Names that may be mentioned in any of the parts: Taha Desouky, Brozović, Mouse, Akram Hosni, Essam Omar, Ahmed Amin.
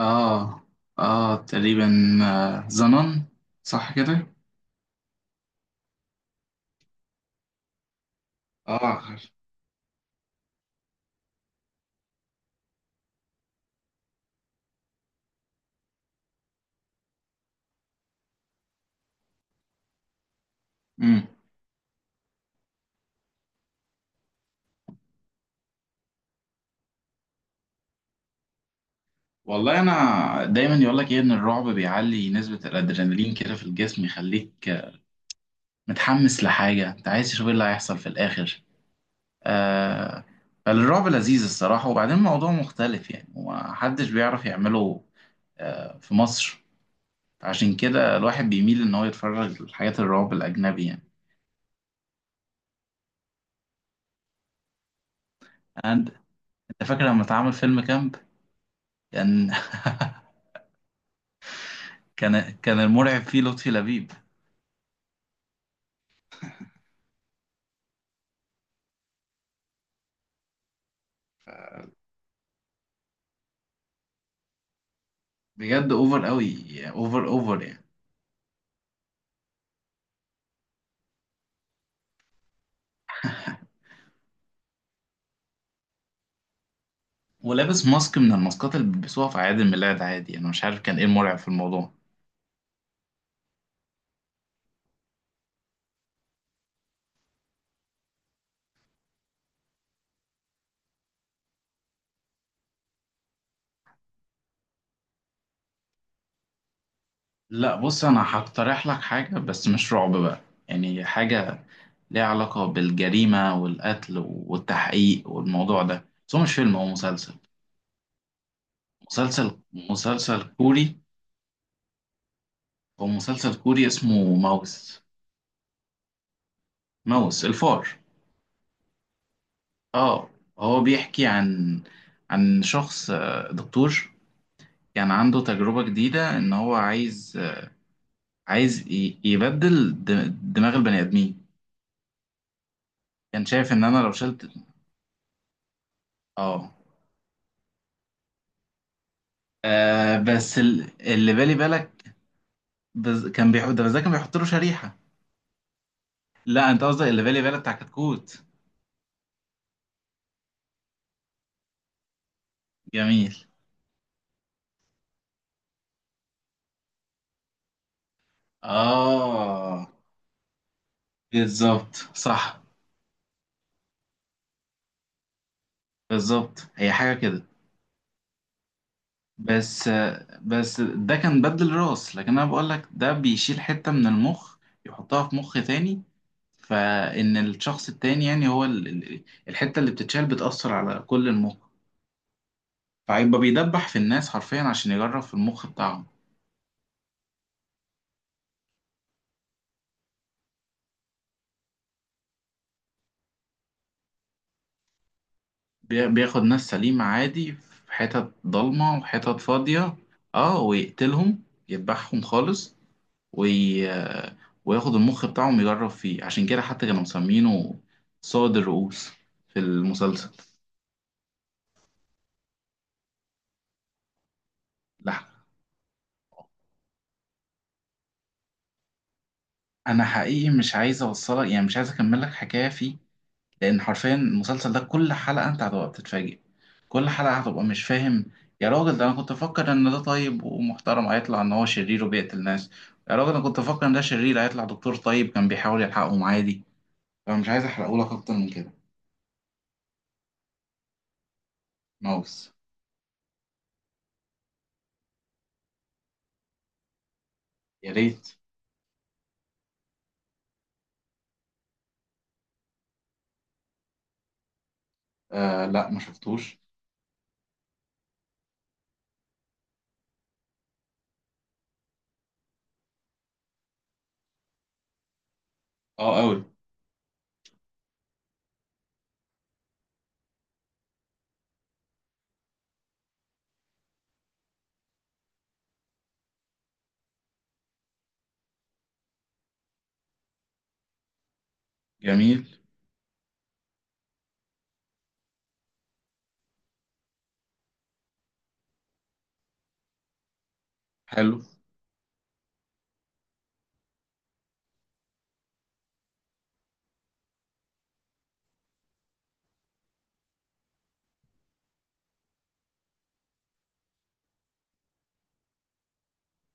اه، اه تقريبا. آه، زنان. صح كده. اه، عارف. امم والله، انا دايما يقول لك ايه، ان الرعب بيعلي نسبة الادرينالين كده في الجسم، يخليك متحمس لحاجة، انت عايز تشوف ايه اللي هيحصل في الاخر. آه فالرعب لذيذ الصراحة، وبعدين الموضوع مختلف يعني، ومحدش بيعرف يعمله في مصر. عشان كده الواحد بيميل ان هو يتفرج لحاجات الرعب الاجنبي يعني. أنا- انت فاكر لما اتعمل فيلم كامب؟ كان كان المرعب فيه لطفي لبيب. بجد اوفر قوي. اوفر اوفر يعني. ولابس ماسك من الماسكات اللي بيلبسوها في اعياد الميلاد عادي، انا مش عارف كان ايه المرعب في الموضوع. لا، بص انا هقترح لك حاجه، بس مش رعب بقى. يعني حاجه ليها علاقه بالجريمه والقتل والتحقيق والموضوع ده، بس هو مش فيلم، هو مسلسل. مسلسل كوري. هو مسلسل كوري اسمه ماوس. ماوس الفار. اه. هو بيحكي عن شخص، دكتور، كان عنده تجربة جديدة إن هو عايز، يبدل دماغ البني آدمين. كان شايف إن أنا لو شلت. آه، آه، بس اللي بالي بالك. كان بيحط ده، بس ده كان بيحط له شريحة. لا، أنت قصدك اللي بالي بالك بتاع كتكوت. جميل. آه، بالظبط صح. بالظبط هي حاجة كده. بس ده كان بدل راس، لكن أنا بقول لك ده بيشيل حتة من المخ، يحطها في مخ تاني. فإن الشخص التاني يعني، هو الحتة اللي بتتشال بتأثر على كل المخ. فهيبقى بيدبح في الناس حرفيا عشان يجرب في المخ بتاعهم. بياخد ناس سليمة عادي في حتت ضلمة وحتت فاضية. اه، ويقتلهم، يذبحهم خالص. وي... وياخد المخ بتاعهم يجرب فيه، عشان كده حتى كانوا مسمينه صاد الرؤوس في المسلسل. لا. أنا حقيقي مش عايز أوصلك، يعني مش عايز أكمل لك حكاية فيه، لان حرفيا المسلسل ده كل حلقه انت هتبقى بتتفاجئ، كل حلقه هتبقى مش فاهم. يا راجل، ده انا كنت افكر ان ده طيب ومحترم هيطلع ان هو شرير وبيقتل ناس. يا راجل، انا كنت افكر ان ده شرير هيطلع دكتور طيب كان بيحاول يلحقهم عادي. فانا مش عايز احرقه لك اكتر من كده. ماوس. يا ريت. آه، لا، ما شفتوش. اه قوي. جميل. حلو.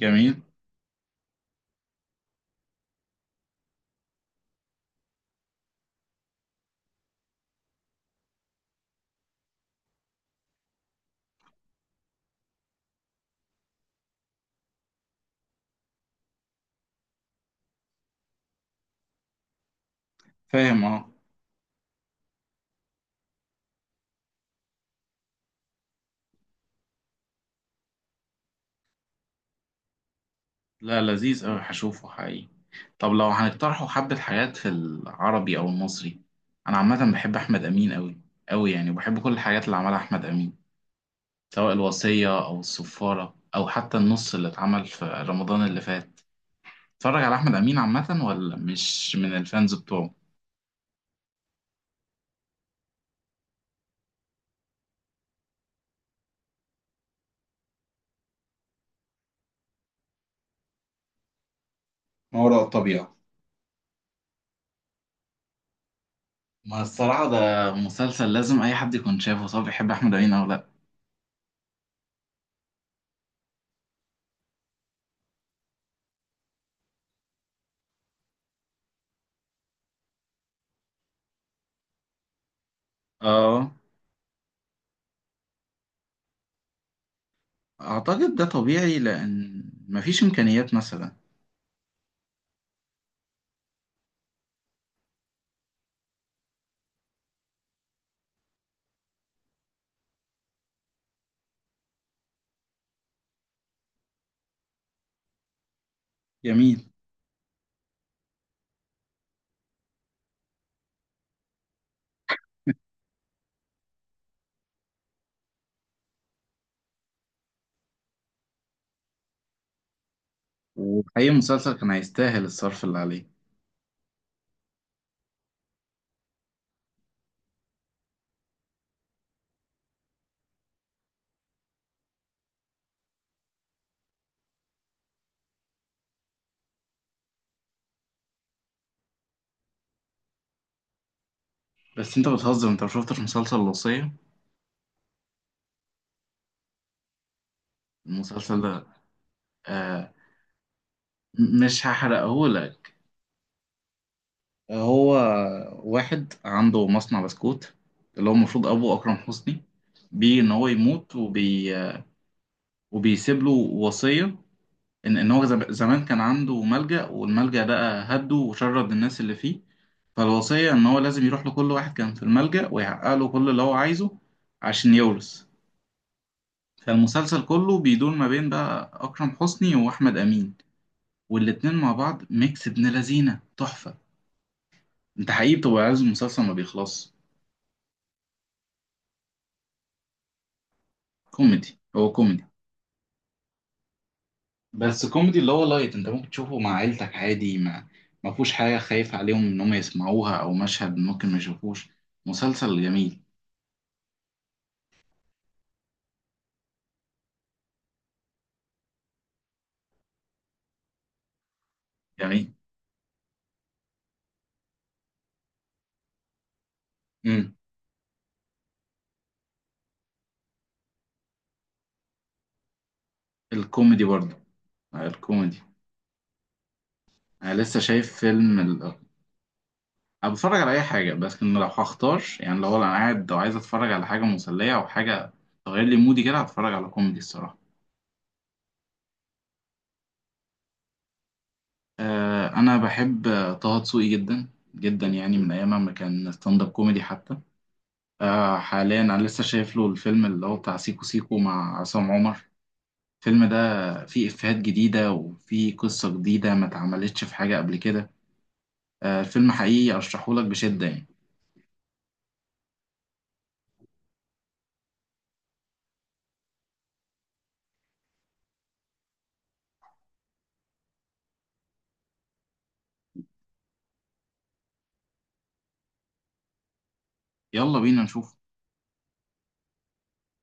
جميل. فاهم، اه. لا، لذيذ أوي، هشوفه حقيقي. طب لو هنقترحوا حبة حاجات في العربي أو المصري، أنا عامة بحب أحمد أمين أوي أوي يعني، وبحب كل الحاجات اللي عملها أحمد أمين، سواء الوصية أو الصفارة أو حتى النص اللي اتعمل في رمضان اللي فات. اتفرج على أحمد أمين عامة ولا مش من الفانز بتوعه؟ ما وراء الطبيعة. ما الصراحة ده مسلسل لازم أي حد يكون شافه، سواء بيحب أحمد أمين أو لأ. آه. أعتقد ده طبيعي، لأن مفيش إمكانيات مثلا. جميل. وحقيقي المسلسل كان هيستاهل الصرف اللي عليه. بس انت بتهزر، انت ما شفتش مسلسل الوصية؟ المسلسل ده، آه، مش هحرقهولك. هو واحد عنده مصنع بسكوت، اللي هو المفروض ابوه اكرم حسني، بيه ان هو يموت وبيسيب له وصية، ان هو زمان كان عنده ملجأ، والملجأ ده هده وشرد الناس اللي فيه. فالوصية ان هو لازم يروح لكل واحد كان في الملجأ، ويحقق له كل اللي هو عايزه عشان يورث. فالمسلسل كله بيدور ما بين بقى أكرم حسني وأحمد أمين، والاتنين مع بعض ميكس ابن لذينة تحفة. أنت حقيقي بتبقى عايز المسلسل ما بيخلص. كوميدي، هو كوميدي. بس كوميدي اللي هو لايت، أنت ممكن تشوفه مع عيلتك عادي، ما فيهوش حاجة خايف عليهم إن هم يسمعوها، أو مشهد ممكن ما يشوفوش. مسلسل جميل. جميل. امم الكوميدي برضه. الكوميدي. أنا لسه شايف فيلم. انا بتفرج على اي حاجه، بس إن لو هختار يعني، لو انا قاعد، لو عايز اتفرج على حاجه مسليه او حاجه تغير لي مودي كده، هتفرج على كوميدي الصراحه. انا بحب طه دسوقي جدا جدا يعني، من ايام ما كان ستاند اب كوميدي حتى. حاليا انا لسه شايف له الفيلم اللي هو بتاع سيكو سيكو مع عصام عمر. الفيلم ده فيه افيهات جديده، وفيه قصه جديده ما اتعملتش في حاجه قبل كده. الفيلم حقيقي ارشحهولك بشده يعني. يلا بينا نشوف.